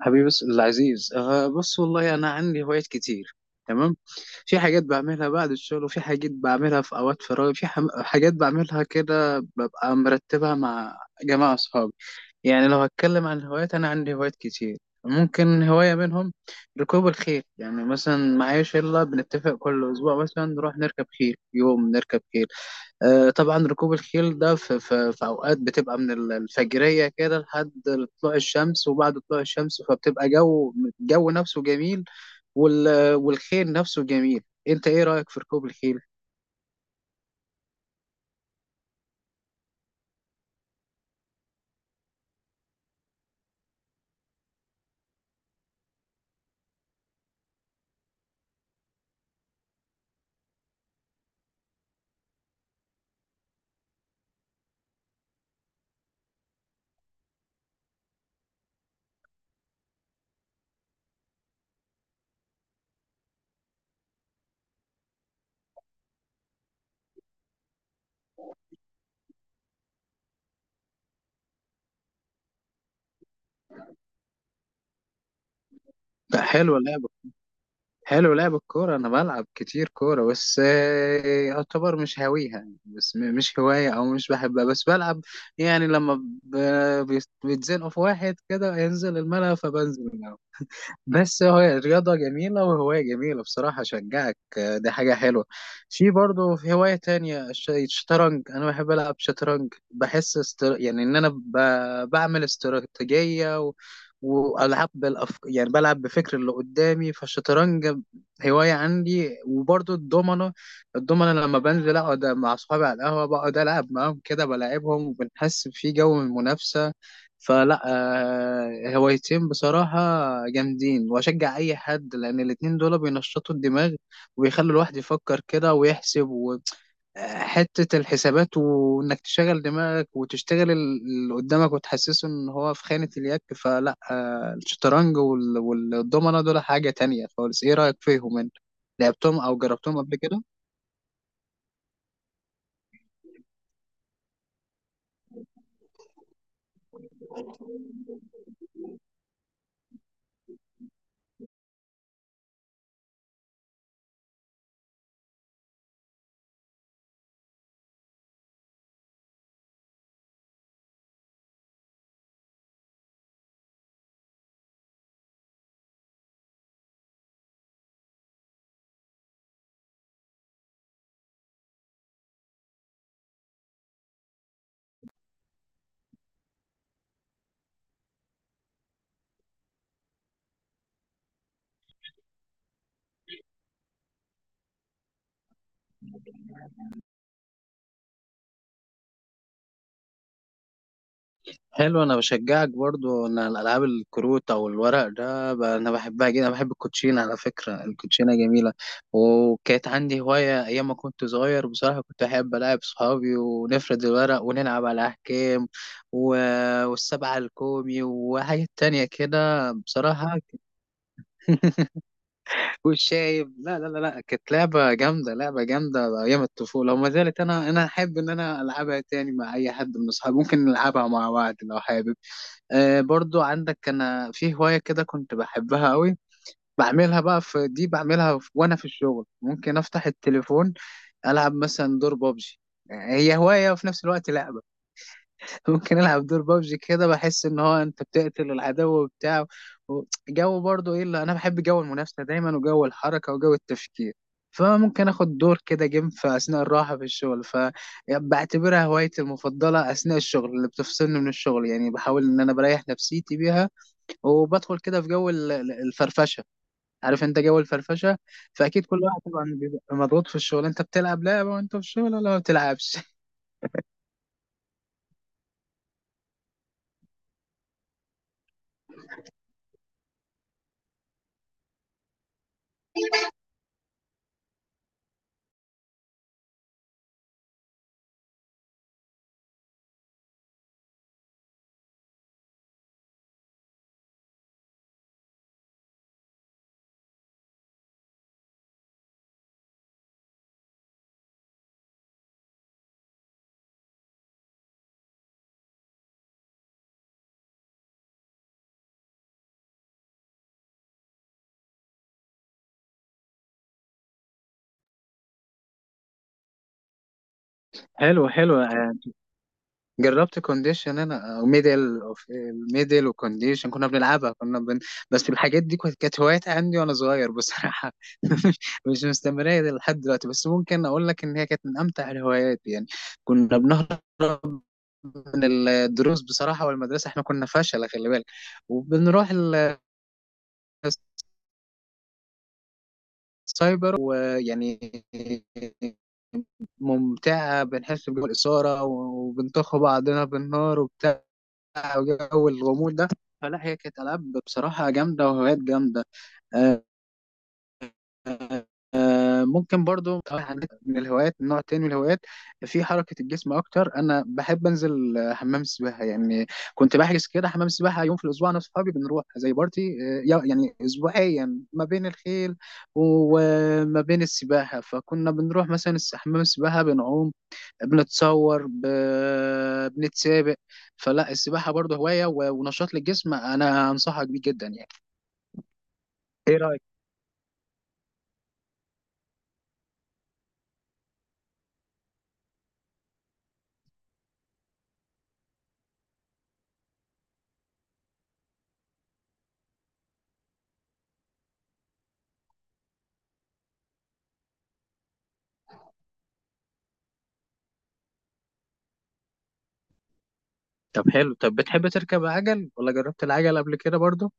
حبيبي بس العزيز آه بص، والله انا عندي هوايات كتير. تمام. في حاجات بعملها بعد الشغل وفي حاجات بعملها في اوقات فراغي، في حاجات بعملها كده ببقى مرتبها مع جماعة اصحابي. يعني لو هتكلم عن هوايات، انا عندي هوايات كتير. ممكن هواية منهم ركوب الخيل. يعني مثلا معايا شلة بنتفق كل أسبوع مثلا نروح نركب خيل، يوم نركب خيل. طبعا ركوب الخيل ده في اوقات بتبقى من الفجريه كده لحد طلوع الشمس، وبعد طلوع الشمس فبتبقى جو. الجو نفسه جميل. والخيل نفسه جميل. انت ايه رايك في ركوب الخيل؟ ده حلو لعب. حلو لعب الكوره. انا بلعب كتير كوره بس يعتبر مش هاويها يعني، بس مش هوايه او مش بحبها، بس بلعب. يعني لما بيتزنقوا في واحد كده ينزل الملعب فبنزل الملعب. بس هو الرياضة جميلة وهواية جميلة، بصراحة أشجعك. دي حاجة حلوة. في برضه في هواية تانية، الشطرنج. أنا بحب ألعب شطرنج، بحس استر... يعني إن أنا ب... بعمل استراتيجية و... وألعب بالأف... يعني بلعب بفكر اللي قدامي. فالشطرنج هواية عندي، وبرضه الضمنة. الضمنة لما بنزل أقعد مع أصحابي على القهوة، بقعد ألعب معاهم كده بلاعبهم، وبنحس في جو من المنافسة. فلا هوايتين بصراحة جامدين، وأشجع أي حد، لأن الاتنين دول بينشطوا الدماغ وبيخلوا الواحد يفكر كده ويحسب. وحتة الحسابات وإنك تشغل دماغك وتشتغل اللي قدامك وتحسسه إن هو في خانة اليك. فلا الشطرنج والضمنة دول حاجة تانية خالص. إيه رأيك فيهم أنت؟ لعبتهم أو جربتهم قبل كده؟ حلو. انا بشجعك برضو ان الالعاب الكروت او الورق ده انا بحبها جدا. انا بحب الكوتشينه، على فكره الكوتشينه جميله. وكانت عندي هوايه ايام ما كنت صغير، بصراحه كنت احب العب صحابي ونفرد الورق ونلعب على احكام و... والسبعه الكومي وحاجات تانية كده بصراحه. والشايب. لا لا لا لا، كانت لعبه جامده، لعبه جامده ايام الطفوله وما زالت. انا احب ان انا العبها تاني مع اي حد من اصحابي، ممكن نلعبها مع بعض لو حابب. آه برضو عندك، انا في هواية كده كنت بحبها قوي، بعملها بقى في دي، بعملها في وانا في الشغل. ممكن افتح التليفون، العب مثلا دور بابجي. هي هواية وفي نفس الوقت لعبة. ممكن العب دور بابجي كده، بحس ان هو انت بتقتل العدو وبتاع و- جو. برضو ايه اللي انا بحب، جو المنافسة دايما وجو الحركة وجو التفكير. فممكن اخد دور كده جيم في اثناء الراحة في الشغل. فبعتبرها هوايتي المفضلة اثناء الشغل، اللي بتفصلني من الشغل يعني، بحاول ان انا بريح نفسيتي بيها، وبدخل كده في جو الفرفشه. عارف انت جو الفرفشه؟ فاكيد كل واحد طبعا بيبقى مضغوط في الشغل. انت بتلعب لعبه وانت في الشغل ولا ما بتلعبش؟ حلو حلو. جربت كونديشن انا او ميدل اوف الميدل وكونديشن، كنا بنلعبها، بس الحاجات دي كانت هوايات عندي وانا صغير بصراحه. مش مستمرة لحد دلوقتي، بس ممكن اقول لك ان هي كانت من امتع الهوايات يعني. كنا بنهرب من الدروس بصراحه والمدرسه، احنا كنا فشله خلي بالك. وبنروح ال... سايبر ويعني ممتعة، بنحس بجو الإثارة، وبنطخوا بعضنا بالنار وبتاع، وجو الغموض ده. فلا هي كانت ألعاب بصراحة جامدة وهوايات جامدة. آه، ممكن برضو عندك من الهوايات نوع تاني من الهوايات في حركة الجسم أكتر. أنا بحب أنزل حمام سباحة يعني. كنت بحجز كده حمام سباحة يوم في الأسبوع، أنا وصحابي بنروح زي بارتي. يعني أسبوعيا ما بين الخيل وما بين السباحة. فكنا بنروح مثلا حمام السباحة، بنعوم، بنتصور، بنتسابق. فلا السباحة برضو هواية ونشاط للجسم، أنا أنصحك بيه جدا يعني. إيه رأيك؟ طب حلو. طب بتحب تركب عجل ولا جربت العجل قبل كده برضو؟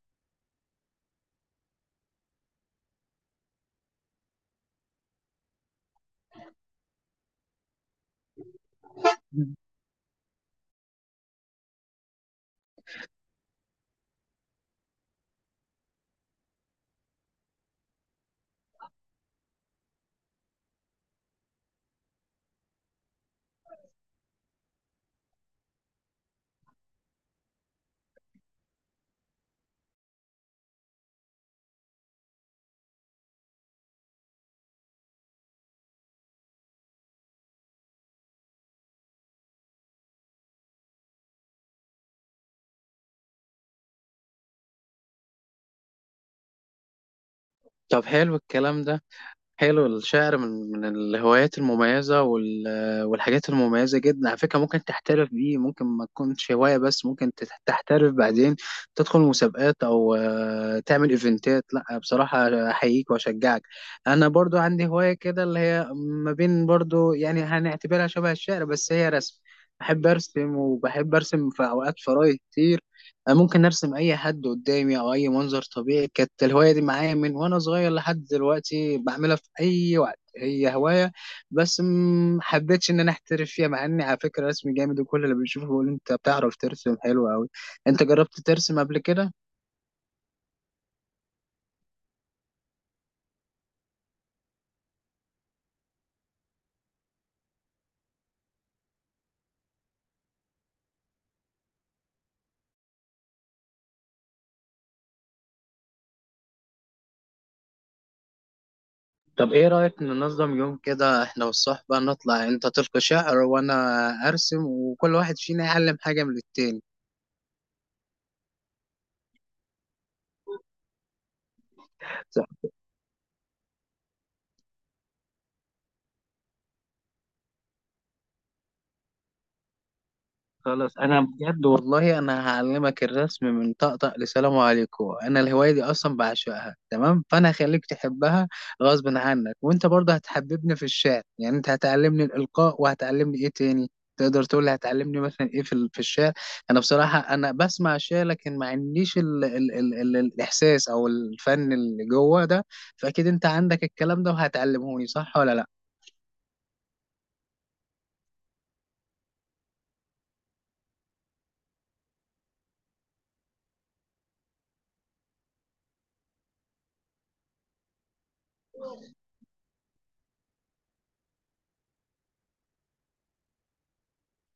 طب حلو الكلام ده. حلو الشعر، من الهوايات المميزة وال... والحاجات المميزة جدا. على فكرة ممكن تحترف بيه، ممكن ما تكونش هواية بس ممكن تحترف بعدين، تدخل مسابقات أو تعمل إيفنتات. لا بصراحة أحييك وأشجعك. أنا برضو عندي هواية كده، اللي هي ما بين برضو يعني هنعتبرها شبه الشعر، بس هي رسم. بحب أرسم، وبحب أرسم في أوقات فراغي كتير. انا ممكن ارسم اي حد قدامي او اي منظر طبيعي. كانت الهوايه دي معايا من وانا صغير لحد دلوقتي، بعملها في اي وقت، هي هوايه بس ما حبيتش ان انا احترف فيها، مع اني على فكره رسم جامد، وكل اللي بيشوفه بيقول انت بتعرف ترسم حلو قوي. انت جربت ترسم قبل كده؟ طب ايه رايك ننظم يوم كده احنا والصحبه، نطلع انت تلقي شعر وانا ارسم، وكل واحد فينا يعلم حاجه من التاني. خلاص. انا بجد والله انا هعلمك الرسم من طقطق لسلام عليكم. انا الهوايه دي اصلا بعشقها، تمام، فانا هخليك تحبها غصب عنك. وانت برضه هتحببني في الشعر، يعني انت هتعلمني الالقاء وهتعلمني ايه تاني؟ تقدر تقول لي هتعلمني مثلا ايه في في الشعر؟ انا بصراحه انا بسمع الشعر لكن ما عنديش ال الاحساس او الفن اللي جوه ده. فاكيد انت عندك الكلام ده وهتعلمهوني، صح ولا لا؟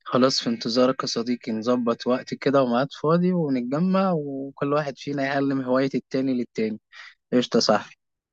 خلاص، في انتظارك يا صديقي. نظبط وقت كده وميعاد فاضي، ونتجمع، وكل واحد فينا يعلم هواية التاني للتاني. قشطة، صح؟